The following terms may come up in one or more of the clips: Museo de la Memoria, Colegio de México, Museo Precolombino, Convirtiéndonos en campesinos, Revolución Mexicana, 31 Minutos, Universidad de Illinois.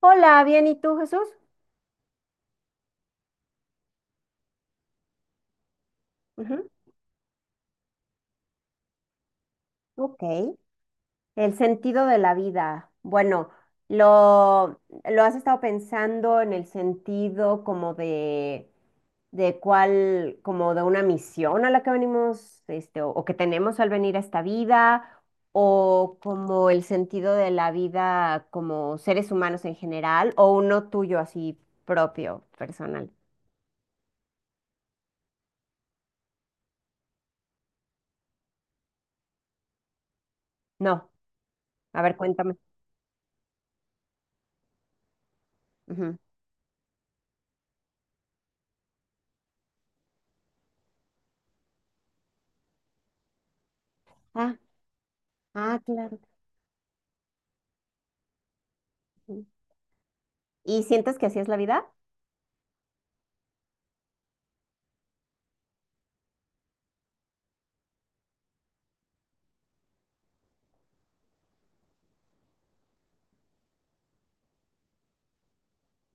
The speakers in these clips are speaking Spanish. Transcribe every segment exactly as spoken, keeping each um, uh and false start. Hola, bien, ¿y tú, Jesús? Ujú. Ok. El sentido de la vida. Bueno, lo, lo has estado pensando en el sentido como de, de cuál, como de una misión a la que venimos, este, o, o que tenemos al venir a esta vida, o como el sentido de la vida como seres humanos en general, o uno tuyo así propio, personal. No, a ver, cuéntame. Ujú. Ah, ah, claro. ¿Y sientes que así es la vida?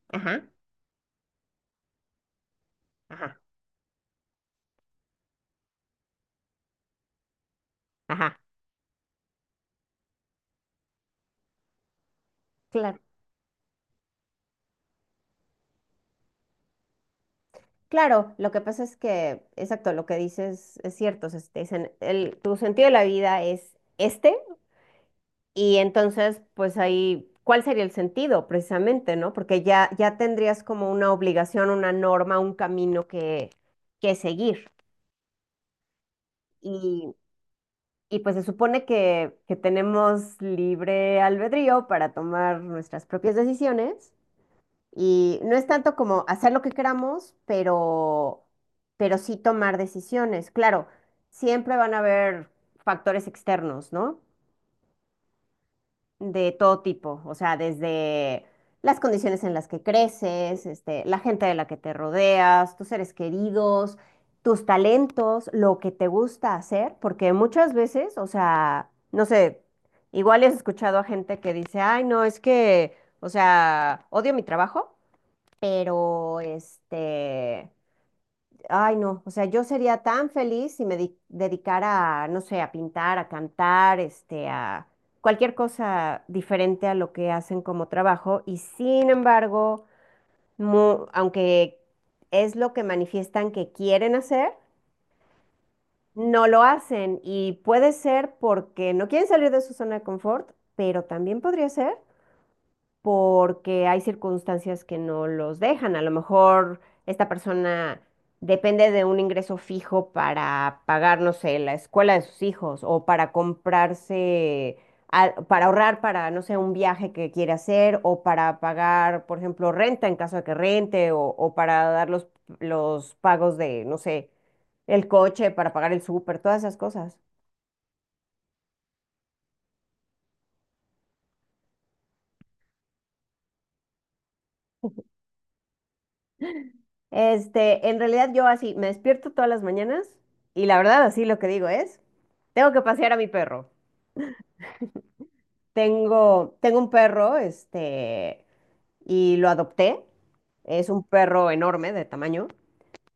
Ajá, ajá, ajá. Claro, claro, lo que pasa es que, exacto, lo que dices es cierto, o sea, si te dicen, el, tu sentido de la vida es este, y entonces, pues ahí, ¿cuál sería el sentido precisamente, no? Porque ya, ya tendrías como una obligación, una norma, un camino que, que seguir. Y, y pues se supone que, que tenemos libre albedrío para tomar nuestras propias decisiones. Y no es tanto como hacer lo que queramos, pero, pero sí tomar decisiones. Claro, siempre van a haber factores externos, ¿no? De todo tipo, o sea, desde las condiciones en las que creces, este, la gente de la que te rodeas, tus seres queridos, tus talentos, lo que te gusta hacer, porque muchas veces, o sea, no sé, igual has escuchado a gente que dice, ay, no, es que, o sea, odio mi trabajo pero este, ay no, o sea, yo sería tan feliz si me di- dedicara, a, no sé, a pintar, a cantar, este, a cualquier cosa diferente a lo que hacen como trabajo. Y sin embargo, mu- aunque es lo que manifiestan que quieren hacer, no lo hacen. Y puede ser porque no quieren salir de su zona de confort, pero también podría ser porque hay circunstancias que no los dejan. A lo mejor esta persona depende de un ingreso fijo para pagar, no sé, la escuela de sus hijos o para comprarse, al- para ahorrar para, no sé, un viaje que quiere hacer o para pagar, por ejemplo, renta en caso de que rente o, o para dar los, los pagos de, no sé, el coche, para pagar el súper, todas esas cosas. Este, en realidad yo así me despierto todas las mañanas y la verdad así lo que digo es, tengo que pasear a mi perro. Tengo, tengo un perro, este, y lo adopté. Es un perro enorme de tamaño.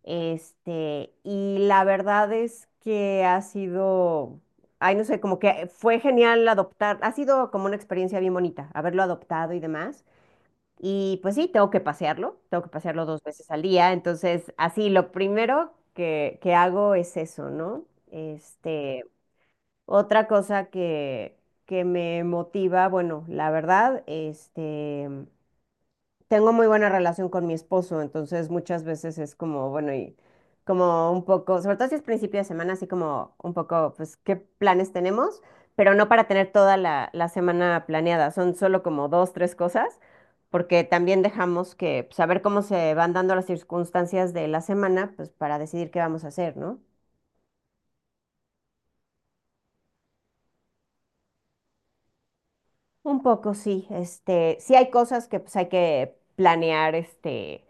Este, y la verdad es que ha sido, ay, no sé, como que fue genial adoptar, ha sido como una experiencia bien bonita, haberlo adoptado y demás. Y pues sí, tengo que pasearlo, tengo que pasearlo dos veces al día. Entonces, así, lo primero que, que hago es eso, ¿no? Este, otra cosa que, que me motiva, bueno, la verdad, este, tengo muy buena relación con mi esposo, entonces muchas veces es como, bueno, y como un poco, sobre todo si es principio de semana, así como un poco, pues, qué planes tenemos, pero no para tener toda la, la semana planeada, son solo como dos, tres cosas, porque también dejamos que, saber cómo se van dando las circunstancias de la semana, pues, para decidir qué vamos a hacer, ¿no? Un poco, sí, este, sí hay cosas que, pues, hay que planear, este,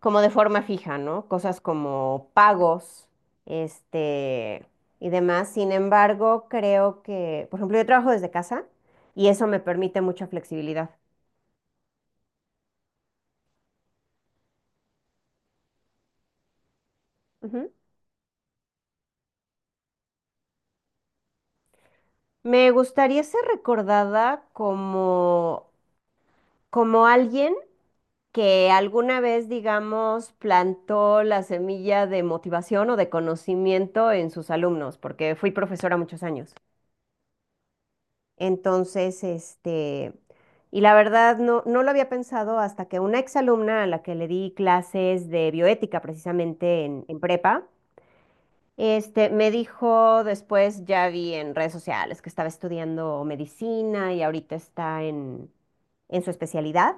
como de forma fija, ¿no? Cosas como pagos, este, y demás. Sin embargo, creo que, por ejemplo, yo trabajo desde casa y eso me permite mucha flexibilidad. Ujú. Me gustaría ser recordada como, como alguien que alguna vez, digamos, plantó la semilla de motivación o de conocimiento en sus alumnos, porque fui profesora muchos años. Entonces, este, y la verdad no, no lo había pensado hasta que una exalumna a la que le di clases de bioética precisamente en, en prepa, este, me dijo después, ya vi en redes sociales que estaba estudiando medicina y ahorita está en, en su especialidad.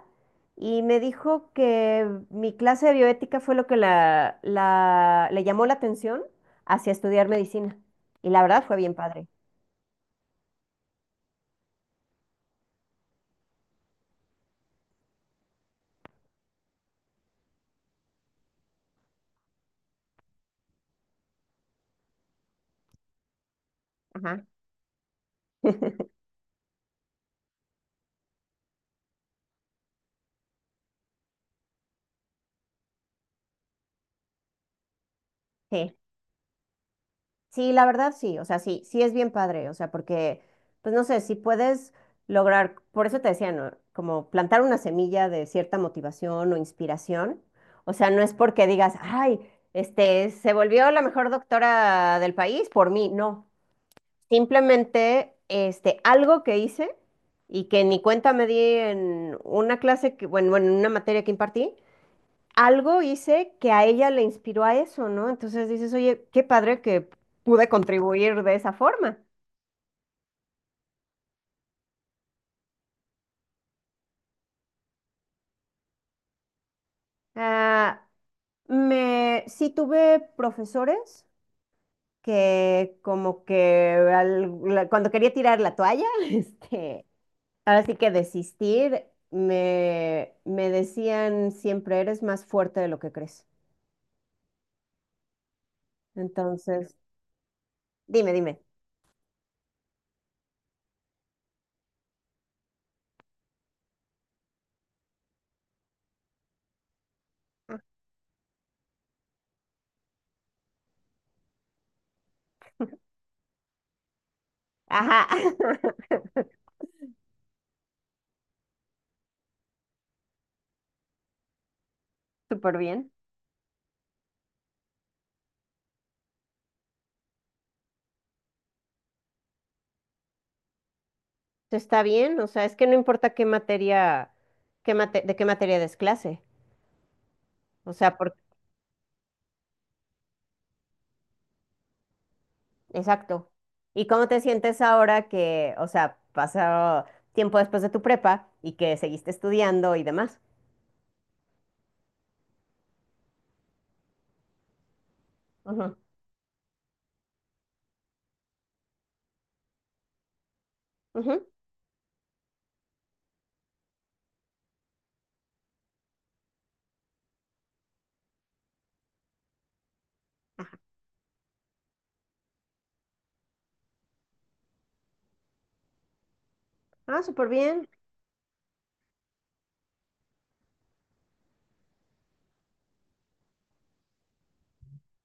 Y me dijo que mi clase de bioética fue lo que la, la- le llamó la atención hacia estudiar medicina. Y la verdad fue bien padre. Ajá. Sí. Sí, la verdad sí, o sea, sí, sí es bien padre, o sea, porque, pues no sé, si puedes lograr, por eso te decía, ¿no? Como plantar una semilla de cierta motivación o inspiración, o sea, no es porque digas, ay, este, se volvió la mejor doctora del país por mí, no, simplemente, este, algo que hice y que ni cuenta me di en una clase, que, bueno, en una materia que impartí, algo hice que a ella le inspiró a eso, ¿no? Entonces dices, oye, qué padre que pude contribuir de esa forma. Ah, me, sí tuve profesores que como que al- la- cuando quería tirar la toalla, este, ahora sí que desistir, me, me decían siempre, eres más fuerte de lo que crees. Entonces, dime, dime. Ajá, súper bien. Está bien, o sea, es que no importa qué materia, qué mate- de qué materia des clase, o sea, por, exacto. ¿Y cómo te sientes ahora que, o sea, pasó tiempo después de tu prepa y que seguiste estudiando y demás? Ujú, ujú. Ah, súper bien.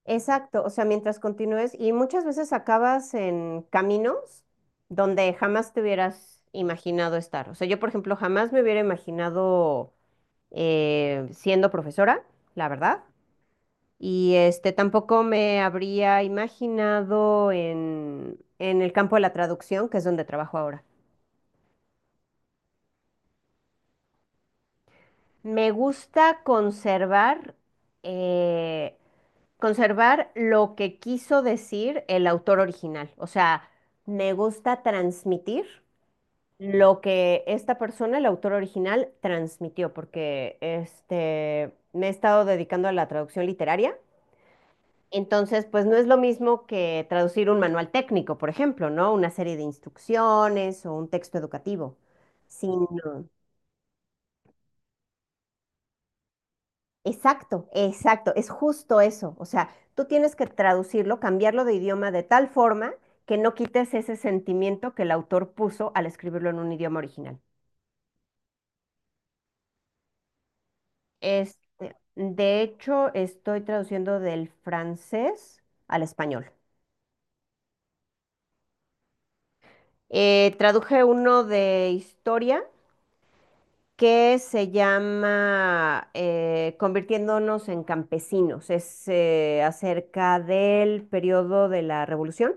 Exacto, o sea, mientras continúes y muchas veces acabas en caminos donde jamás te hubieras imaginado estar. O sea, yo, por ejemplo, jamás me hubiera imaginado eh, siendo profesora, la verdad. Y este tampoco me habría imaginado en, en el campo de la traducción, que es donde trabajo ahora. Me gusta conservar, eh, conservar lo que quiso decir el autor original. O sea, me gusta transmitir lo que esta persona, el autor original, transmitió, porque este, me he estado dedicando a la traducción literaria. Entonces, pues no es lo mismo que traducir un manual técnico, por ejemplo, ¿no? Una serie de instrucciones o un texto educativo. Sino, exacto, exacto, es justo eso. O sea, tú tienes que traducirlo, cambiarlo de idioma de tal forma que no quites ese sentimiento que el autor puso al escribirlo en un idioma original. Este, de hecho, estoy traduciendo del francés al español. Eh, traduje uno de historia que se llama eh, Convirtiéndonos en campesinos. Es eh, acerca del periodo de la Revolución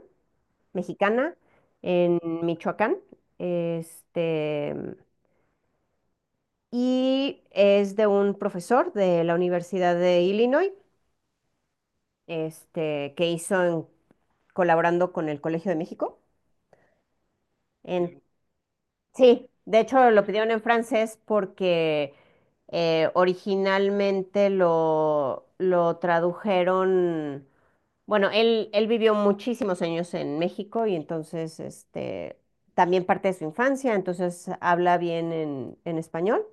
Mexicana en Michoacán. Este, y es de un profesor de la Universidad de Illinois, este, que hizo en- colaborando con el Colegio de México. En- Sí, de hecho lo pidieron en francés porque eh, originalmente lo, lo tradujeron, bueno, él, él vivió muchísimos años en México y entonces este, también parte de su infancia, entonces habla bien en, en español,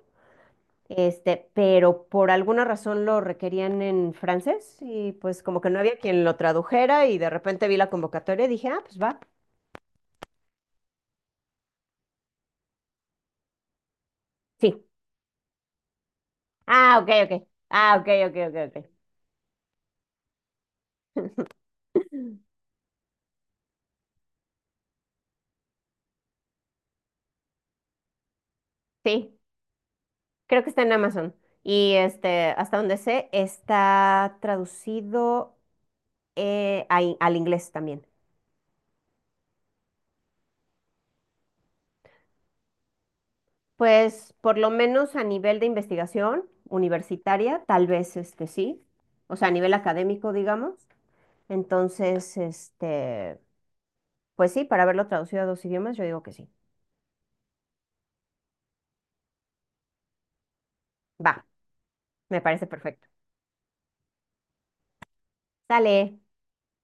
este, pero por alguna razón lo requerían en francés y pues como que no había quien lo tradujera y de repente vi la convocatoria y dije, ah, pues va, sí. Ah, ok, ok. Ah, ok, ok, ok, ok. Sí. Creo que está en Amazon. Y este, hasta donde sé, está traducido eh, a in- al inglés también. Pues por lo menos a nivel de investigación universitaria, tal vez este sí. O sea, a nivel académico, digamos. Entonces, este, pues sí, para haberlo traducido a dos idiomas, yo digo que sí. Va, me parece perfecto. Sale.